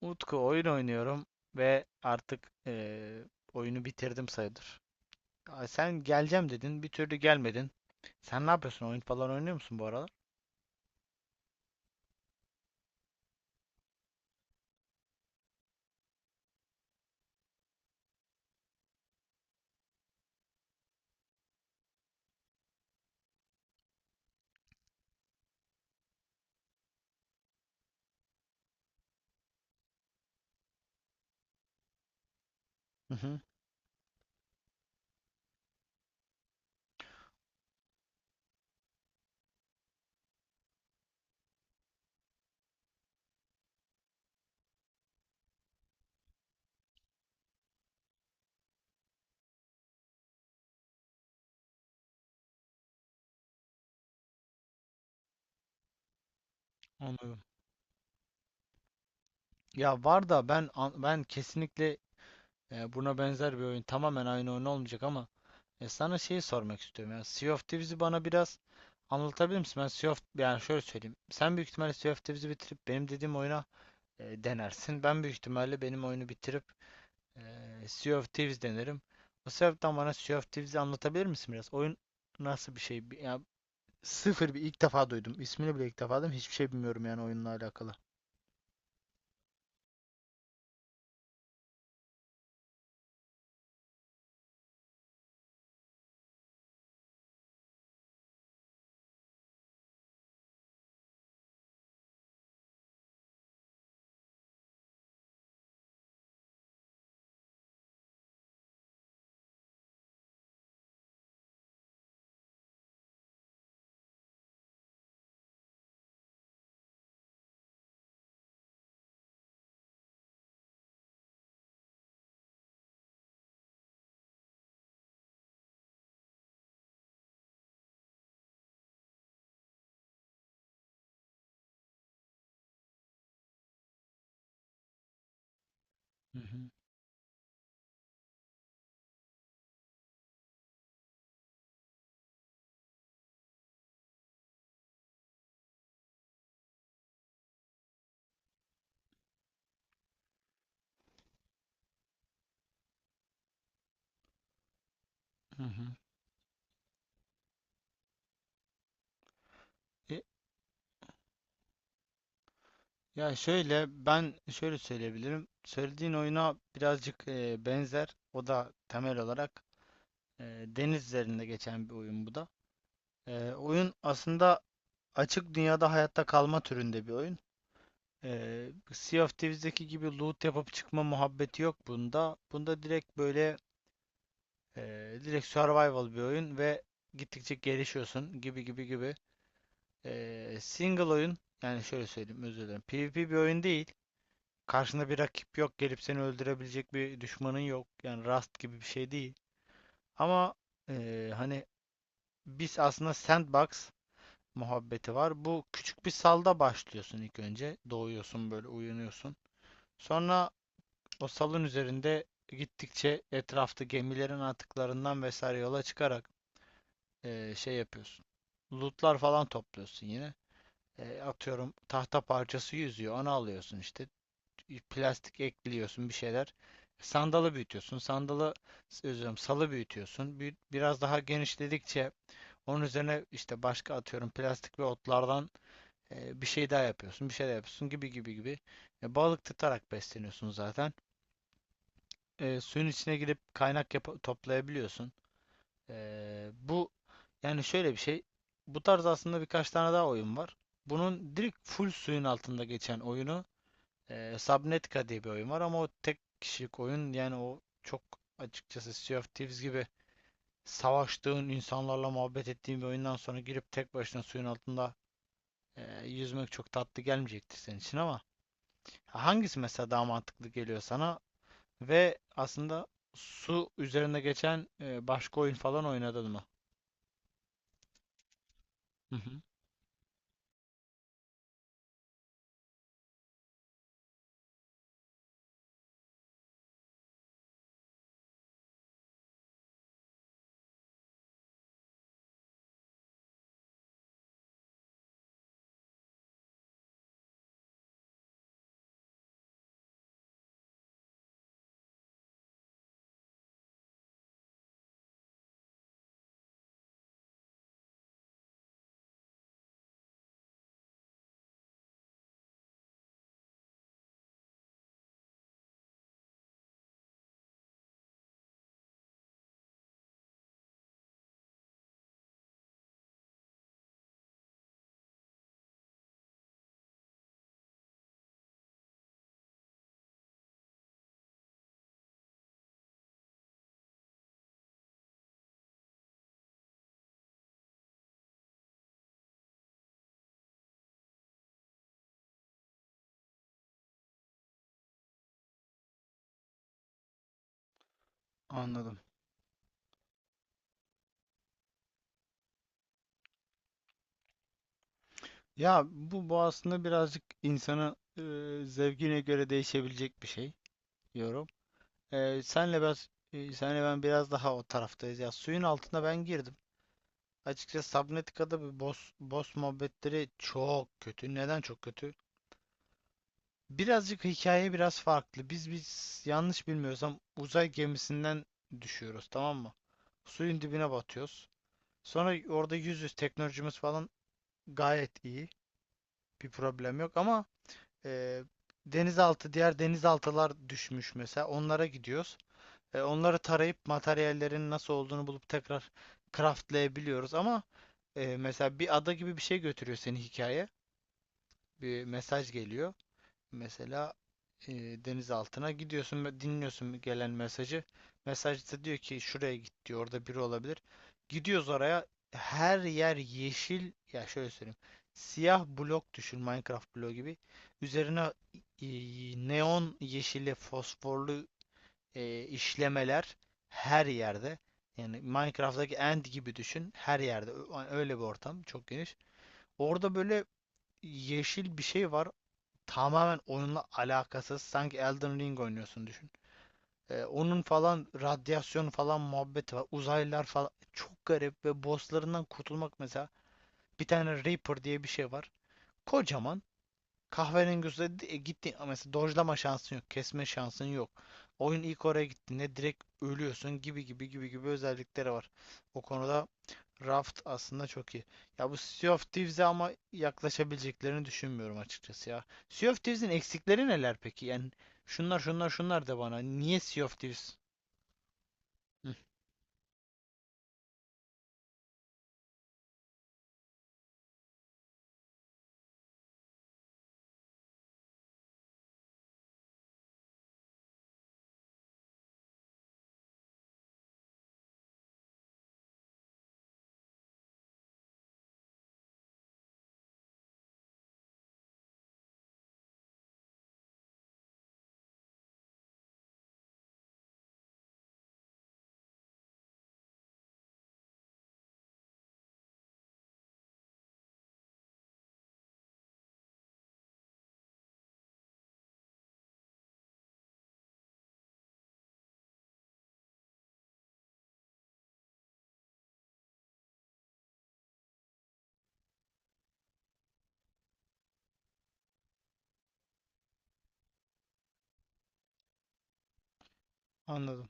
Utku oyun oynuyorum ve artık oyunu bitirdim sayılır. Aa, sen geleceğim dedin, bir türlü gelmedin. Sen ne yapıyorsun? Oyun falan oynuyor musun bu aralar? Hı hı, anladım. Ya var da ben kesinlikle buna benzer bir oyun, tamamen aynı oyun olmayacak ama sana şeyi sormak istiyorum. Ya Sea of Thieves'i bana biraz anlatabilir misin? Ben Sea of yani şöyle söyleyeyim. Sen büyük ihtimalle Sea of Thieves'i bitirip benim dediğim oyuna denersin. Ben büyük ihtimalle benim oyunu bitirip Sea of Thieves denerim. O sebepten bana Sea of Thieves'i anlatabilir misin biraz? Oyun nasıl bir şey? Ya sıfır bir ilk defa duydum. İsmini bile ilk defa duydum. Hiçbir şey bilmiyorum yani oyunla alakalı. Hı hı, hı hı. E, Ya şöyle ben şöyle söyleyebilirim. Söylediğin oyuna birazcık benzer. O da temel olarak deniz üzerinde geçen bir oyun bu da. Oyun aslında açık dünyada hayatta kalma türünde bir oyun. Sea of Thieves'deki gibi loot yapıp çıkma muhabbeti yok bunda. Bunda direkt e, direkt survival bir oyun ve gittikçe gelişiyorsun gibi gibi gibi. Single oyun yani şöyle söyleyeyim, özür dilerim. PvP bir oyun değil. Karşında bir rakip yok. Gelip seni öldürebilecek bir düşmanın yok. Yani Rust gibi bir şey değil. Ama hani biz aslında sandbox muhabbeti var. Bu küçük bir salda başlıyorsun ilk önce. Doğuyorsun böyle, uyanıyorsun. Sonra o salın üzerinde gittikçe etrafta gemilerin atıklarından vesaire yola çıkarak şey yapıyorsun. Lootlar falan topluyorsun yine. Atıyorum tahta parçası yüzüyor. Onu alıyorsun işte. Plastik ekliyorsun, bir şeyler. Sandalı büyütüyorsun. Sandalı özür salı büyütüyorsun. Biraz daha genişledikçe onun üzerine işte başka atıyorum plastik ve otlardan bir şey daha yapıyorsun. Bir şey daha yapıyorsun gibi gibi gibi. E, balık tutarak besleniyorsun zaten. Suyun içine girip toplayabiliyorsun. Bu yani şöyle bir şey. Bu tarz aslında birkaç tane daha oyun var. Bunun direkt full suyun altında geçen oyunu Subnautica diye bir oyun var, ama o tek kişilik oyun. Yani o çok açıkçası, Sea of Thieves gibi savaştığın insanlarla muhabbet ettiğin bir oyundan sonra girip tek başına suyun altında yüzmek çok tatlı gelmeyecektir senin için. Ama hangisi mesela daha mantıklı geliyor sana? Ve aslında su üzerinde geçen başka oyun falan oynadın mı? Hı hı, anladım. Ya bu aslında birazcık insanı zevkine göre değişebilecek bir şey diyorum. Senle ben biraz daha o taraftayız. Ya suyun altına ben girdim. Açıkçası Subnautica'da bir boss muhabbetleri çok kötü. Neden çok kötü? Birazcık hikaye biraz farklı. Biz yanlış bilmiyorsam uzay gemisinden düşüyoruz, tamam mı? Suyun dibine batıyoruz. Sonra orada yüz teknolojimiz falan gayet iyi. Bir problem yok ama e, diğer denizaltılar düşmüş mesela. Onlara gidiyoruz. Onları tarayıp materyallerin nasıl olduğunu bulup tekrar craftlayabiliyoruz. Ama mesela bir ada gibi bir şey götürüyor seni hikaye. Bir mesaj geliyor. Mesela e, deniz altına gidiyorsun ve dinliyorsun gelen mesajı. Mesajda diyor ki şuraya git diyor. Orada biri olabilir. Gidiyoruz oraya. Her yer yeşil. Ya şöyle söyleyeyim. Siyah blok düşün. Minecraft bloğu gibi. Üzerine e, neon yeşili fosforlu işlemeler her yerde. Yani Minecraft'taki end gibi düşün. Her yerde. Öyle bir ortam. Çok geniş. Orada böyle yeşil bir şey var, tamamen oyunla alakasız. Sanki Elden Ring oynuyorsun düşün. Onun falan radyasyon falan muhabbeti var. Uzaylılar falan. Çok garip ve bosslarından kurtulmak mesela. Bir tane Reaper diye bir şey var. Kocaman. Kahverengi üstüne gitti mesela, dojlama şansın yok. Kesme şansın yok. Oyun ilk oraya gittiğinde direkt ölüyorsun gibi gibi gibi gibi özellikleri var. O konuda Raft aslında çok iyi. Ya bu Sea of Thieves'e ama yaklaşabileceklerini düşünmüyorum açıkçası ya. Sea of Thieves'in eksikleri neler peki? Yani şunlar şunlar şunlar de bana. Niye Sea of Thieves? Hı, anladım,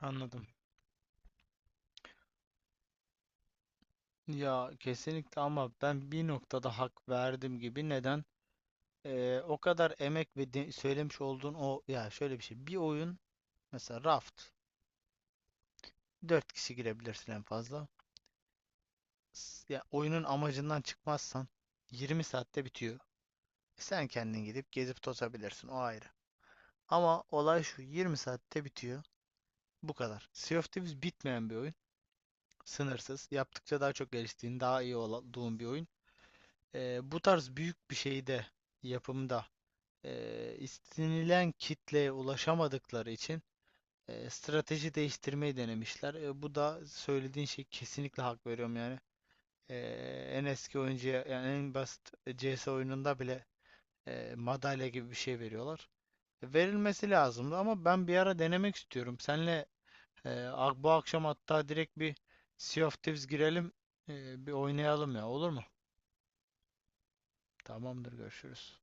anladım. Ya kesinlikle ama ben bir noktada hak verdim gibi. Neden? O kadar emek söylemiş olduğun o, ya şöyle bir şey. Bir oyun mesela Raft, dört kişi girebilirsin en fazla. Ya oyunun amacından çıkmazsan 20 saatte bitiyor. Sen kendin gidip gezip tozabilirsin, o ayrı. Ama olay şu: 20 saatte bitiyor. Bu kadar. Sea of Thieves bitmeyen bir oyun. Sınırsız. Yaptıkça daha çok geliştiğin, daha iyi olduğun bir oyun. Bu tarz büyük bir şeyde, yapımda istenilen kitleye ulaşamadıkları için strateji değiştirmeyi denemişler. E, bu da söylediğin şey, kesinlikle hak veriyorum yani. E, en eski oyuncuya yani en basit CS oyununda bile madalya gibi bir şey veriyorlar. Verilmesi lazımdı. Ama ben bir ara denemek istiyorum. Senle e, bu akşam hatta direkt bir Sea of Thieves girelim, bir oynayalım ya, olur mu? Tamamdır, görüşürüz.